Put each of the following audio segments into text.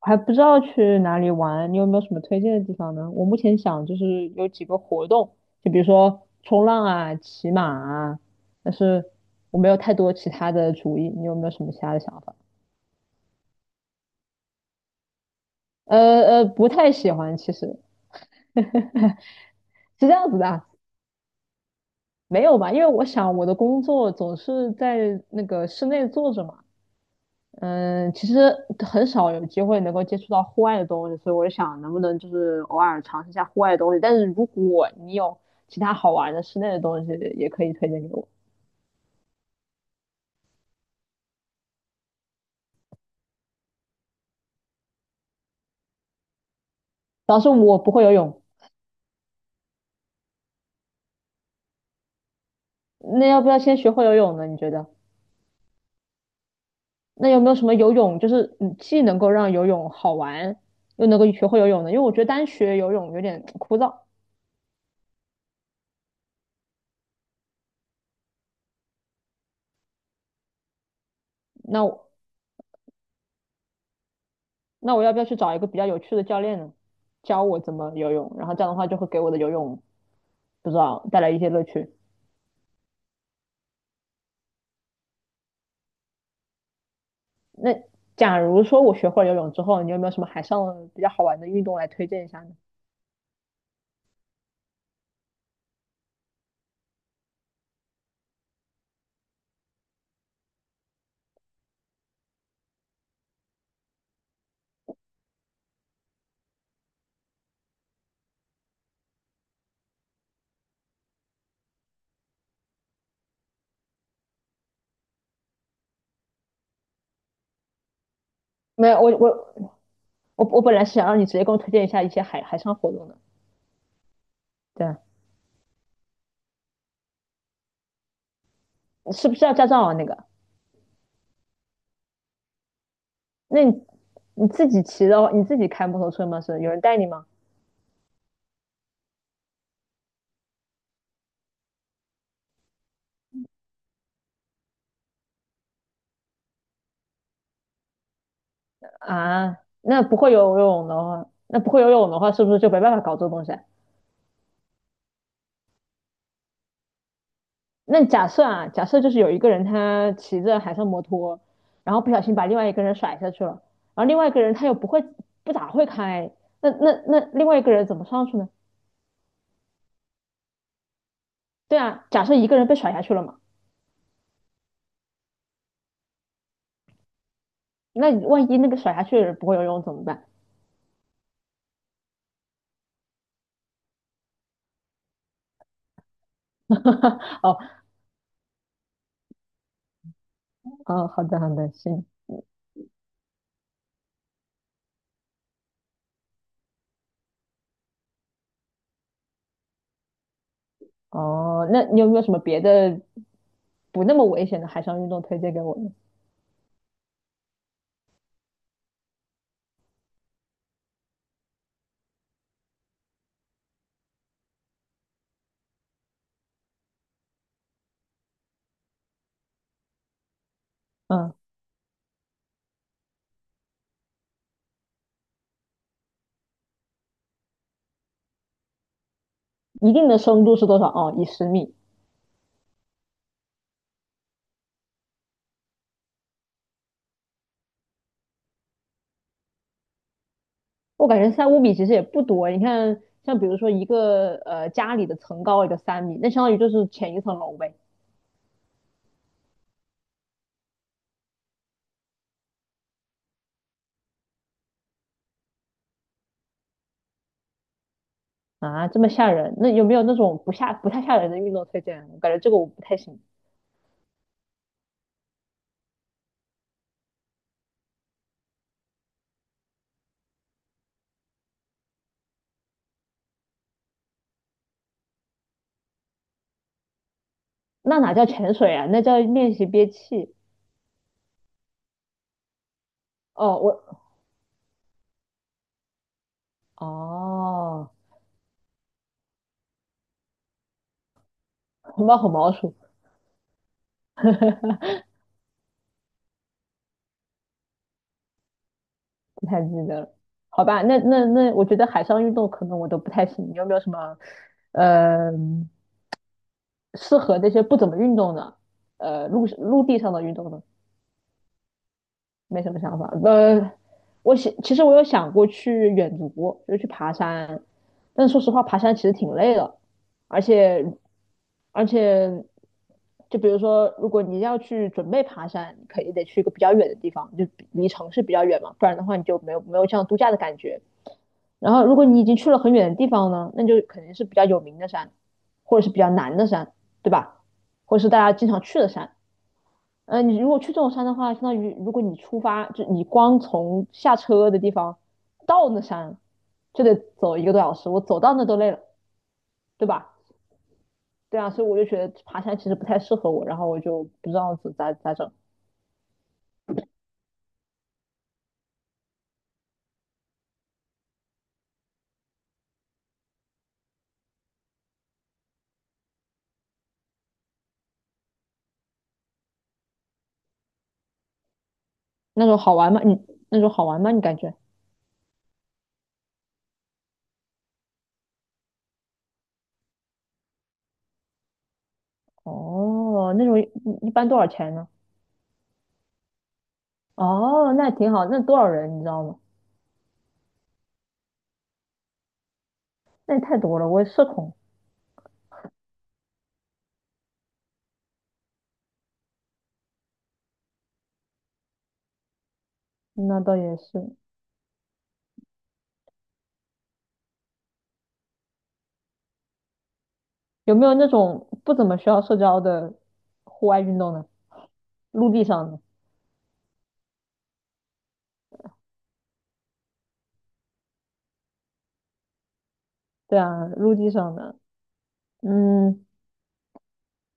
还不知道去哪里玩，你有没有什么推荐的地方呢？我目前想就是有几个活动，就比如说冲浪啊、骑马啊，但是我没有太多其他的主意，你有没有什么其他的想法？不太喜欢，其实是这样子的啊。没有吧？因为我想我的工作总是在那个室内坐着嘛，嗯，其实很少有机会能够接触到户外的东西，所以我就想能不能就是偶尔尝试一下户外的东西。但是如果你有其他好玩的室内的东西，也可以推荐给我。主要是我不会游泳，那要不要先学会游泳呢？你觉得？那有没有什么游泳，就是既能够让游泳好玩，又能够学会游泳呢？因为我觉得单学游泳有点枯燥。那我那我要不要去找一个比较有趣的教练呢，教我怎么游泳？然后这样的话就会给我的游泳不知道带来一些乐趣。那假如说我学会了游泳之后，你有没有什么海上比较好玩的运动来推荐一下呢？没有，我本来是想让你直接给我推荐一下一些海上活动的。对啊。是不是要驾照啊？那个，那你自己骑的话，你自己开摩托车吗？是有人带你吗？啊，那不会游泳的话，是不是就没办法搞这个东西啊？那假设啊，假设就是有一个人他骑着海上摩托，然后不小心把另外一个人甩下去了，然后另外一个人他又不咋会开，那另外一个人怎么上去呢？对啊，假设一个人被甩下去了嘛，那万一那个甩下去的人不会游泳怎么办？哦。哦，好的好的，行。哦，那你有没有什么别的不那么危险的海上运动推荐给我呢？嗯，一定的深度是多少？哦，以10米。我感觉三五米其实也不多。你看，像比如说一个家里的层高也就3米，那相当于就是浅一层楼呗。啊，这么吓人？那有没有那种不太吓人的运动推荐？我感觉这个我不太行。那哪叫潜水啊？那叫练习憋气。哦，哦，红包和毛鼠不太记得了。好吧，那,我觉得海上运动可能我都不太行。你有没有什么呃适合那些不怎么运动的陆地上的运动呢？没什么想法。我想，其实我有想过去远足，就是去爬山，但是说实话，爬山其实挺累的，而且而且,就比如说，如果你要去准备爬山，你可以得去一个比较远的地方，就比离城市比较远嘛，不然的话你就没有这样度假的感觉。然后，如果你已经去了很远的地方呢，那就肯定是比较有名的山，或者是比较难的山，对吧？或者是大家经常去的山。你如果去这种山的话，相当于如果你出发，就你光从下车的地方到那山，就得走一个多小时，我走到那都累了，对吧？对啊，所以我就觉得爬山其实不太适合我，然后我就不知道咋整。那种好玩吗？你那种好玩吗？你感觉？哦，那种一般多少钱呢？哦，那挺好，那多少人你知道吗？那也太多了，我也社恐。那倒也是，有没有那种不怎么需要社交的户外运动呢？陆地上的？对啊，陆地上的，嗯，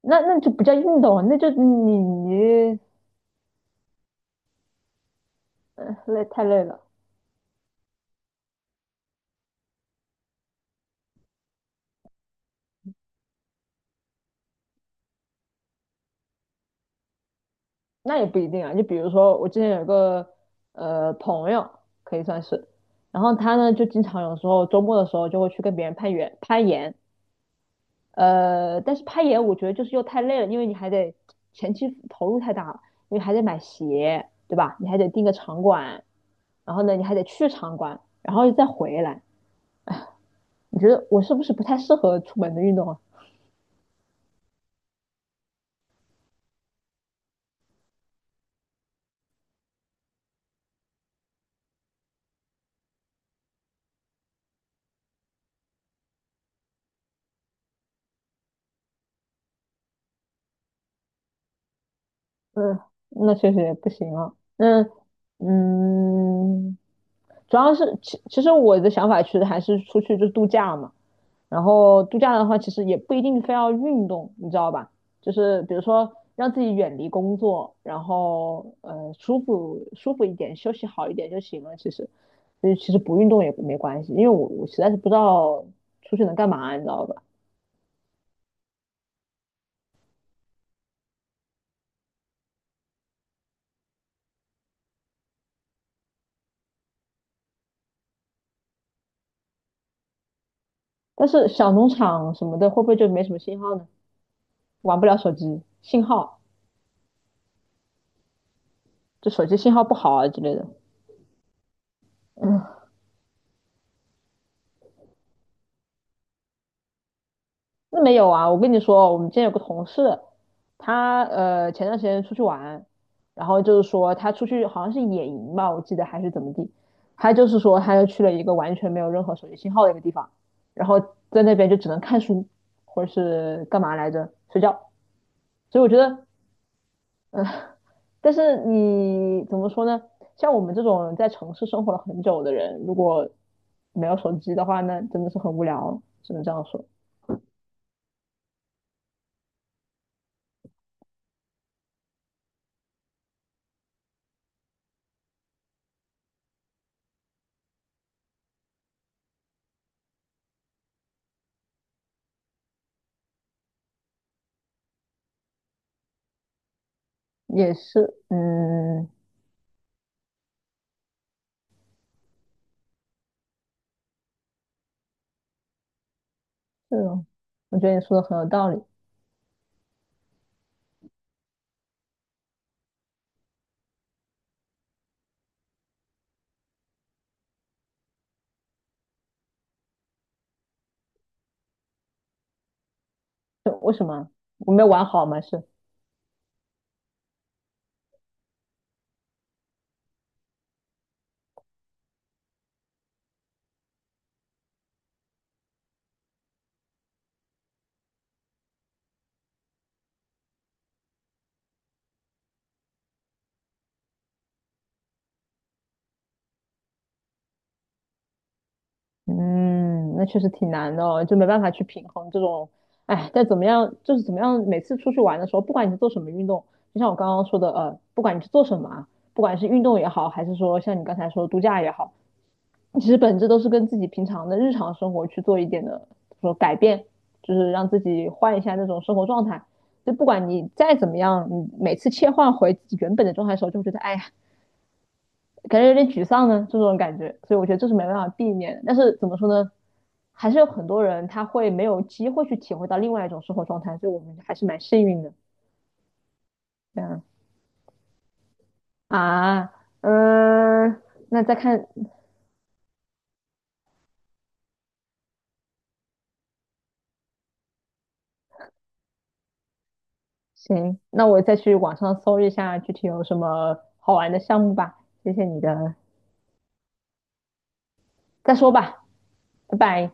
那就不叫运动啊，那就你你累太累了。那也不一定啊。就比如说我之前有一个朋友，可以算是，然后他呢就经常有时候周末的时候就会去跟别人攀岩攀岩。但是攀岩我觉得就是又太累了，因为你还得前期投入太大了，因为还得买鞋，对吧？你还得订个场馆，然后呢你还得去场馆，然后再回来，你觉得我是不是不太适合出门的运动啊？嗯，那确实也不行啊。那嗯，主要是其实我的想法其实还是出去就度假嘛。然后度假的话，其实也不一定非要运动，你知道吧？就是比如说让自己远离工作，然后舒服舒服一点，休息好一点就行了。其实，所以其实不运动也没关系，因为我我实在是不知道出去能干嘛，你知道吧？但是小农场什么的会不会就没什么信号呢？玩不了手机，信号。就手机信号不好啊之类的。嗯，那没有啊，我跟你说，我们之前有个同事，他前段时间出去玩，然后就是说他出去好像是野营吧，我记得还是怎么地，他就是说他又去了一个完全没有任何手机信号的一个地方，然后在那边就只能看书或者是干嘛来着睡觉。所以我觉得，但是你怎么说呢？像我们这种在城市生活了很久的人，如果没有手机的话那真的是很无聊，只能这样说。也是，嗯，是哦，我觉得你说的很有道理。就为什么我没有玩好嘛？是，嗯，那确实挺难的哦，就没办法去平衡这种。哎，但怎么样，就是怎么样，每次出去玩的时候，不管你是做什么运动，就像我刚刚说的，不管你是做什么啊，不管是运动也好，还是说像你刚才说的度假也好，其实本质都是跟自己平常的日常生活去做一点的，说改变，就是让自己换一下那种生活状态。就不管你再怎么样，你每次切换回自己原本的状态的时候，就会觉得哎呀，感觉有点沮丧呢，这种感觉。所以我觉得这是没办法避免的。但是怎么说呢，还是有很多人他会没有机会去体会到另外一种生活状态，所以我们还是蛮幸运的。这样啊，嗯、那再看行，那我再去网上搜一下具体有什么好玩的项目吧。谢谢你的，再说吧，拜拜。